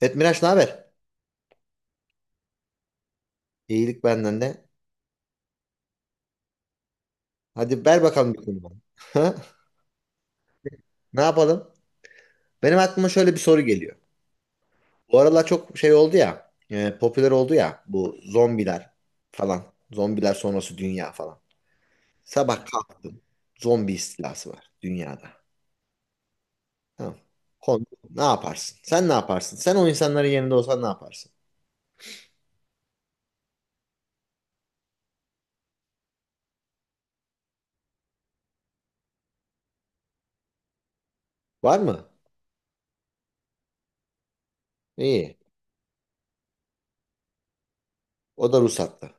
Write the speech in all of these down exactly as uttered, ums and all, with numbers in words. Evet Miraç ne haber? İyilik benden de. Hadi ver bakalım bir konu bana. Ha? Ne yapalım? Benim aklıma şöyle bir soru geliyor. Bu aralar çok şey oldu ya, e, popüler oldu ya bu zombiler falan. Zombiler sonrası dünya falan. Sabah kalktım. Zombi istilası var dünyada. Tamam. Konu, ne yaparsın? Sen ne yaparsın? Sen o insanların yerinde olsan ne yaparsın? Var mı? İyi. O da ruhsatlı.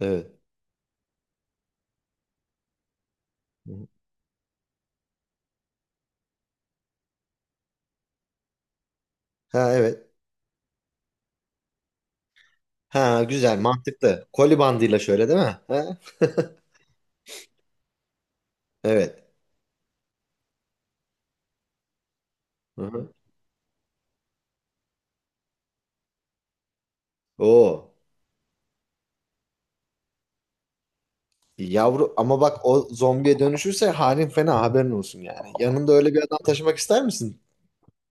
Evet. Ha evet. Ha güzel mantıklı. Koli bandıyla şöyle değil mi? Ha? Evet. Hı-hı. Oo. Yavru ama bak o zombiye dönüşürse halin fena haberin olsun yani. Yanında öyle bir adam taşımak ister misin?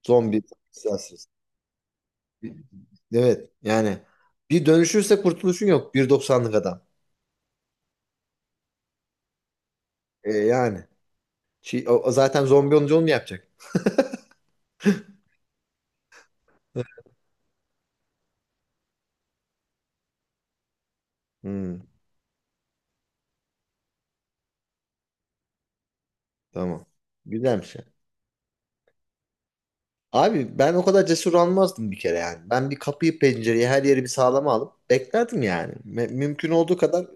Zombi. İsterseniz. Evet yani bir dönüşürse kurtuluşun yok bir doksanlık adam. E, yani Şey, o, o zaten zombi olunca onu mu yapacak? Hmm, tamam. Güzelmiş ya. Abi ben o kadar cesur almazdım bir kere yani. Ben bir kapıyı pencereyi her yeri bir sağlama alıp beklerdim yani. Me- mümkün olduğu kadar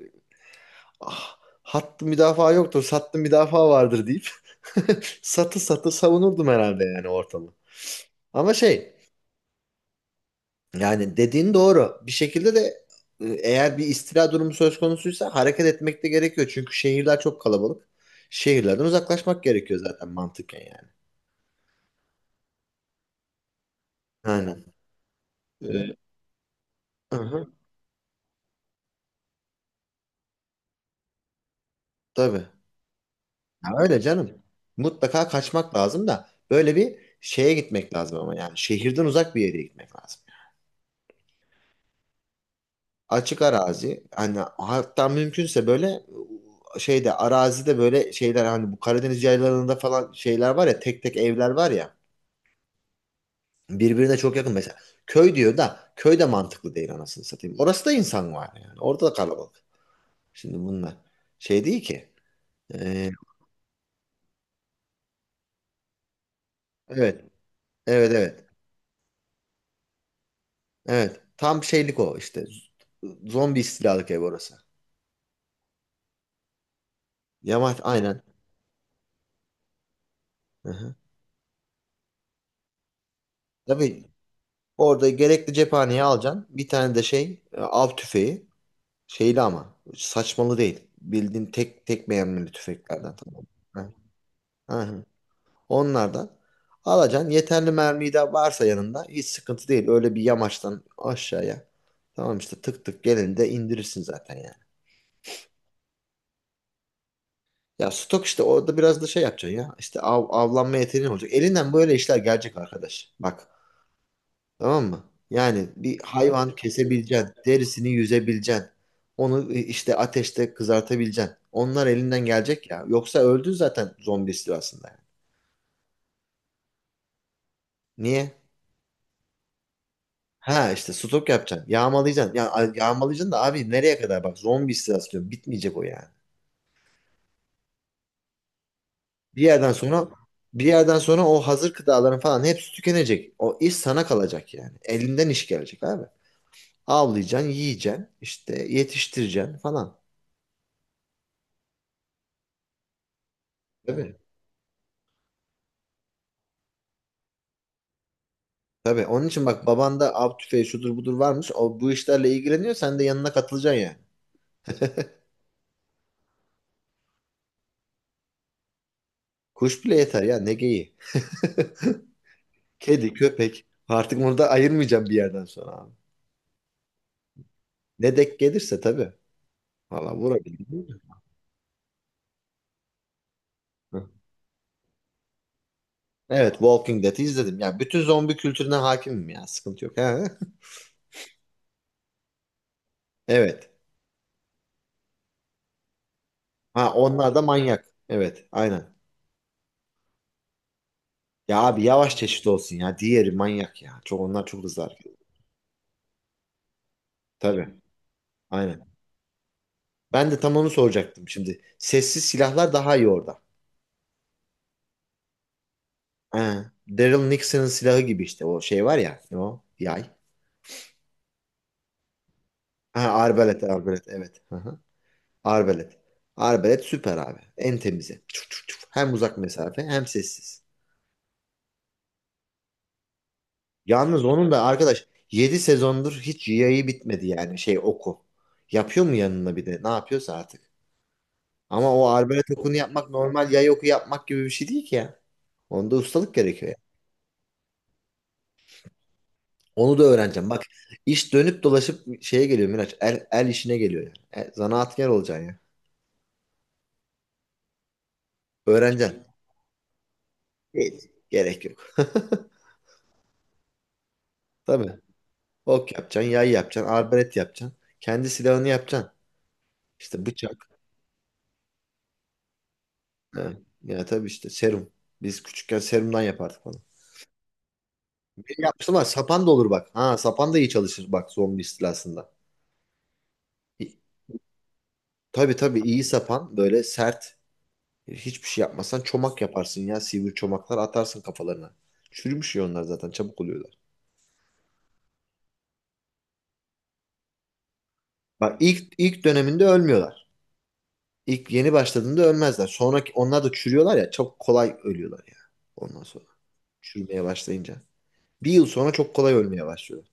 ah, hattı müdafaa yoktur, sattı müdafaa vardır deyip satı satı savunurdum herhalde yani ortamı. Ama şey yani dediğin doğru. Bir şekilde de e, eğer bir istila durumu söz konusuysa hareket etmek de gerekiyor. Çünkü şehirler çok kalabalık. Şehirlerden uzaklaşmak gerekiyor zaten mantıken yani. Aynen. Ee, hı tabii. Ya öyle canım. Mutlaka kaçmak lazım da böyle bir şeye gitmek lazım ama yani şehirden uzak bir yere gitmek lazım. Açık arazi hani hatta mümkünse böyle şeyde arazide böyle şeyler hani bu Karadeniz yaylalarında falan şeyler var ya tek tek evler var ya birbirine çok yakın mesela köy diyor da köy de mantıklı değil anasını satayım. Orası da insan var yani orada da kalabalık. Şimdi bunlar şey değil ki. Ee, evet evet evet evet tam şeylik o işte Z- zombi istilalık ev orası. Yamaç aynen. Hı hı. Tabii orada gerekli cephaneyi alacaksın bir tane de şey e, av tüfeği. Şeyli ama saçmalı değil. Bildiğin tek tek mermili tüfeklerden tamam. Ha, ha, ha. Onlardan alacaksın. Yeterli mermi de varsa yanında hiç sıkıntı değil. Öyle bir yamaçtan aşağıya. Tamam işte tık tık gelinde indirirsin zaten yani. Ya stok işte orada biraz da şey yapacaksın ya. İşte av, avlanma yeteneğin olacak. Elinden böyle işler gelecek arkadaş. Bak. Tamam mı? Yani bir hayvan kesebileceksin, derisini yüzebileceksin. Onu e, işte ateşte kızartabileceksin. Onlar elinden gelecek ya. Yoksa öldün zaten zombi istilasında yani. Niye? Ha işte stok yapacaksın. Yağmalayacaksın. Ya, a- yağmalayacaksın da abi nereye kadar bak zombi istilası diyorum. Bitmeyecek o yani. Bir yerden sonra bir yerden sonra o hazır gıdaların falan hepsi tükenecek. O iş sana kalacak yani. Elinden iş gelecek abi. Avlayacaksın, yiyeceksin, işte yetiştireceksin falan. Tabii. Tabii onun için bak babanda av tüfeği şudur budur varmış. O bu işlerle ilgileniyor. Sen de yanına katılacaksın yani. Kuş bile yeter ya ne geyiği. Kedi, köpek. Artık bunu da ayırmayacağım bir yerden sonra abi. Ne denk gelirse tabii. Valla vurabildim değil mi? Hı. Evet Walking Dead'i izledim. Ya bütün zombi kültürüne hakimim ya. Sıkıntı yok. Ha? Evet. Ha onlar da manyak. Evet aynen. Ya abi yavaş çeşit olsun ya. Diğeri manyak ya. Çok onlar çok hızlı hareket ediyor. Tabii. Aynen. Ben de tam onu soracaktım şimdi. Sessiz silahlar daha iyi orada. Ha, Daryl Nixon'ın silahı gibi işte o şey var ya ne o yay. Ha, arbalet arbalet evet. Hı hı. Arbalet. Arbalet süper abi. En temizi. Çuf çuf çuf. Hem uzak mesafe hem sessiz. Yalnız onun da arkadaş yedi sezondur hiç yayı bitmedi yani şey oku. Yapıyor mu yanına bir de ne yapıyorsa artık. Ama o arbalet okunu yapmak normal yay oku yapmak gibi bir şey değil ki ya. Onda ustalık gerekiyor ya. Onu da öğreneceğim. Bak iş dönüp dolaşıp şeye geliyor Miraç. El, el işine geliyor yani. E, zanaatkar olacaksın. Öğreneceksin. Evet. Gerek yok. Tabii. Ok yapacaksın, yay yapacaksın, arbalet yapacaksın. Kendi silahını yapacaksın. İşte bıçak. Ha. Ya tabii işte serum. Biz küçükken serumdan yapardık onu. Benim yapmıştım ama sapan da olur bak. Ha sapan da iyi çalışır bak zombi istilasında. İ- Tabii tabii iyi sapan böyle sert. Hiçbir şey yapmazsan çomak yaparsın ya. Sivri çomaklar atarsın kafalarına. Çürümüş ya onlar zaten çabuk oluyorlar. Bak ilk ilk döneminde ölmüyorlar. İlk yeni başladığında ölmezler. Sonraki onlar da çürüyorlar ya çok kolay ölüyorlar ya. Ondan sonra çürümeye başlayınca. Bir yıl sonra çok kolay ölmeye başlıyor.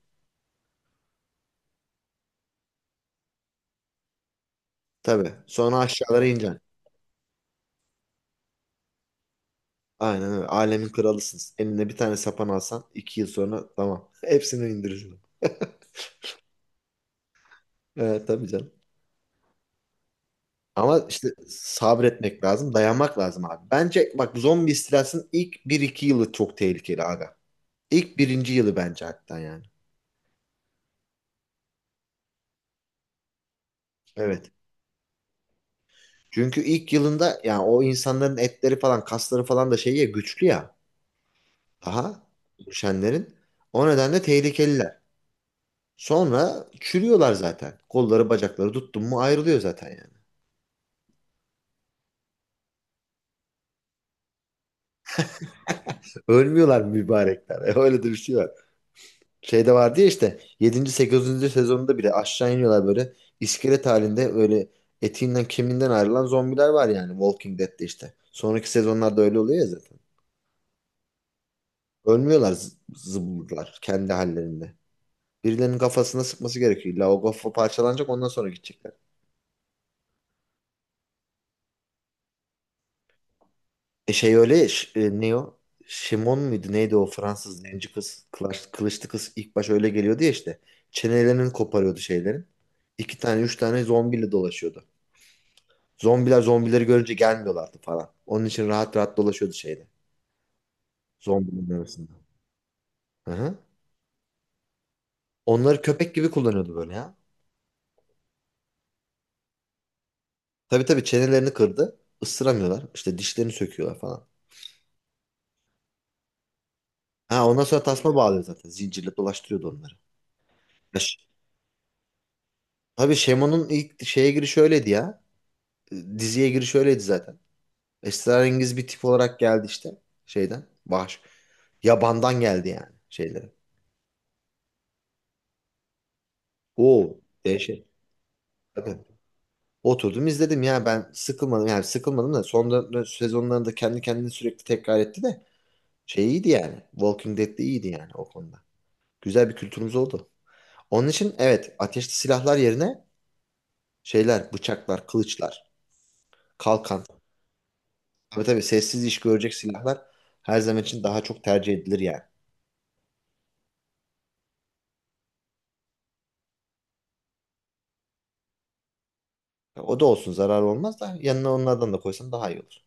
Tabii. Sonra aşağılara ineceksin. Aynen öyle. Alemin kralısınız. Eline bir tane sapan alsan iki yıl sonra tamam. Hepsini indirirsin. Evet tabii canım. Ama işte sabretmek lazım. Dayanmak lazım abi. Bence bak zombi istilasının ilk bir iki yılı çok tehlikeli aga. İlk birinci yılı bence hatta yani. Evet. Çünkü ilk yılında yani o insanların etleri falan kasları falan da şey ya güçlü ya daha düşenlerin. O nedenle tehlikeliler. Sonra çürüyorlar zaten. Kolları bacakları tuttun mu ayrılıyor zaten yani. Ölmüyorlar mübarekler. Öyle de bir şey var. Şeyde vardı ya işte yedinci sekizinci sezonunda bile aşağı iniyorlar böyle iskelet halinde öyle etinden kemiğinden ayrılan zombiler var yani Walking Dead'de işte. Sonraki sezonlarda öyle oluyor ya zaten. Ölmüyorlar z- zımbırlar kendi hallerinde. Birilerinin kafasına sıkması gerekiyor. İlla o kafa parçalanacak ondan sonra gidecekler. E şey öyle ya, Ş- e, ne o? Şimon muydu neydi o Fransız zenci kız kılıç, kılıçlı kız ilk baş öyle geliyordu ya işte. Çenelerini koparıyordu şeylerin. İki tane üç tane zombiyle dolaşıyordu. Zombiler zombileri görünce gelmiyorlardı falan. Onun için rahat rahat dolaşıyordu şeyde. Zombilerin arasında. Hı hı. Onları köpek gibi kullanıyordu böyle ya. Tabii tabii çenelerini kırdı. Isıramıyorlar. İşte dişlerini söküyorlar falan. Ha ondan sonra tasma bağlıyor zaten. Zincirle dolaştırıyordu onları. Abi Şemo'nun ilk şeye girişi öyleydi ya. E, Diziye girişi öyleydi zaten. Esrarengiz bir tip olarak geldi işte şeyden. Baş. Yabandan geldi yani şeyleri. Oo dehşet. Tabii. Oturdum izledim ya ben sıkılmadım yani sıkılmadım da son dö- sezonlarında kendi kendini sürekli tekrar etti de şey iyiydi yani. Walking Dead de iyiydi yani o konuda. Güzel bir kültürümüz oldu. Onun için evet ateşli silahlar yerine şeyler bıçaklar, kılıçlar, kalkan. Tabii tabii sessiz iş görecek silahlar her zaman için daha çok tercih edilir yani. O da olsun zarar olmaz da yanına onlardan da koysan daha iyi olur.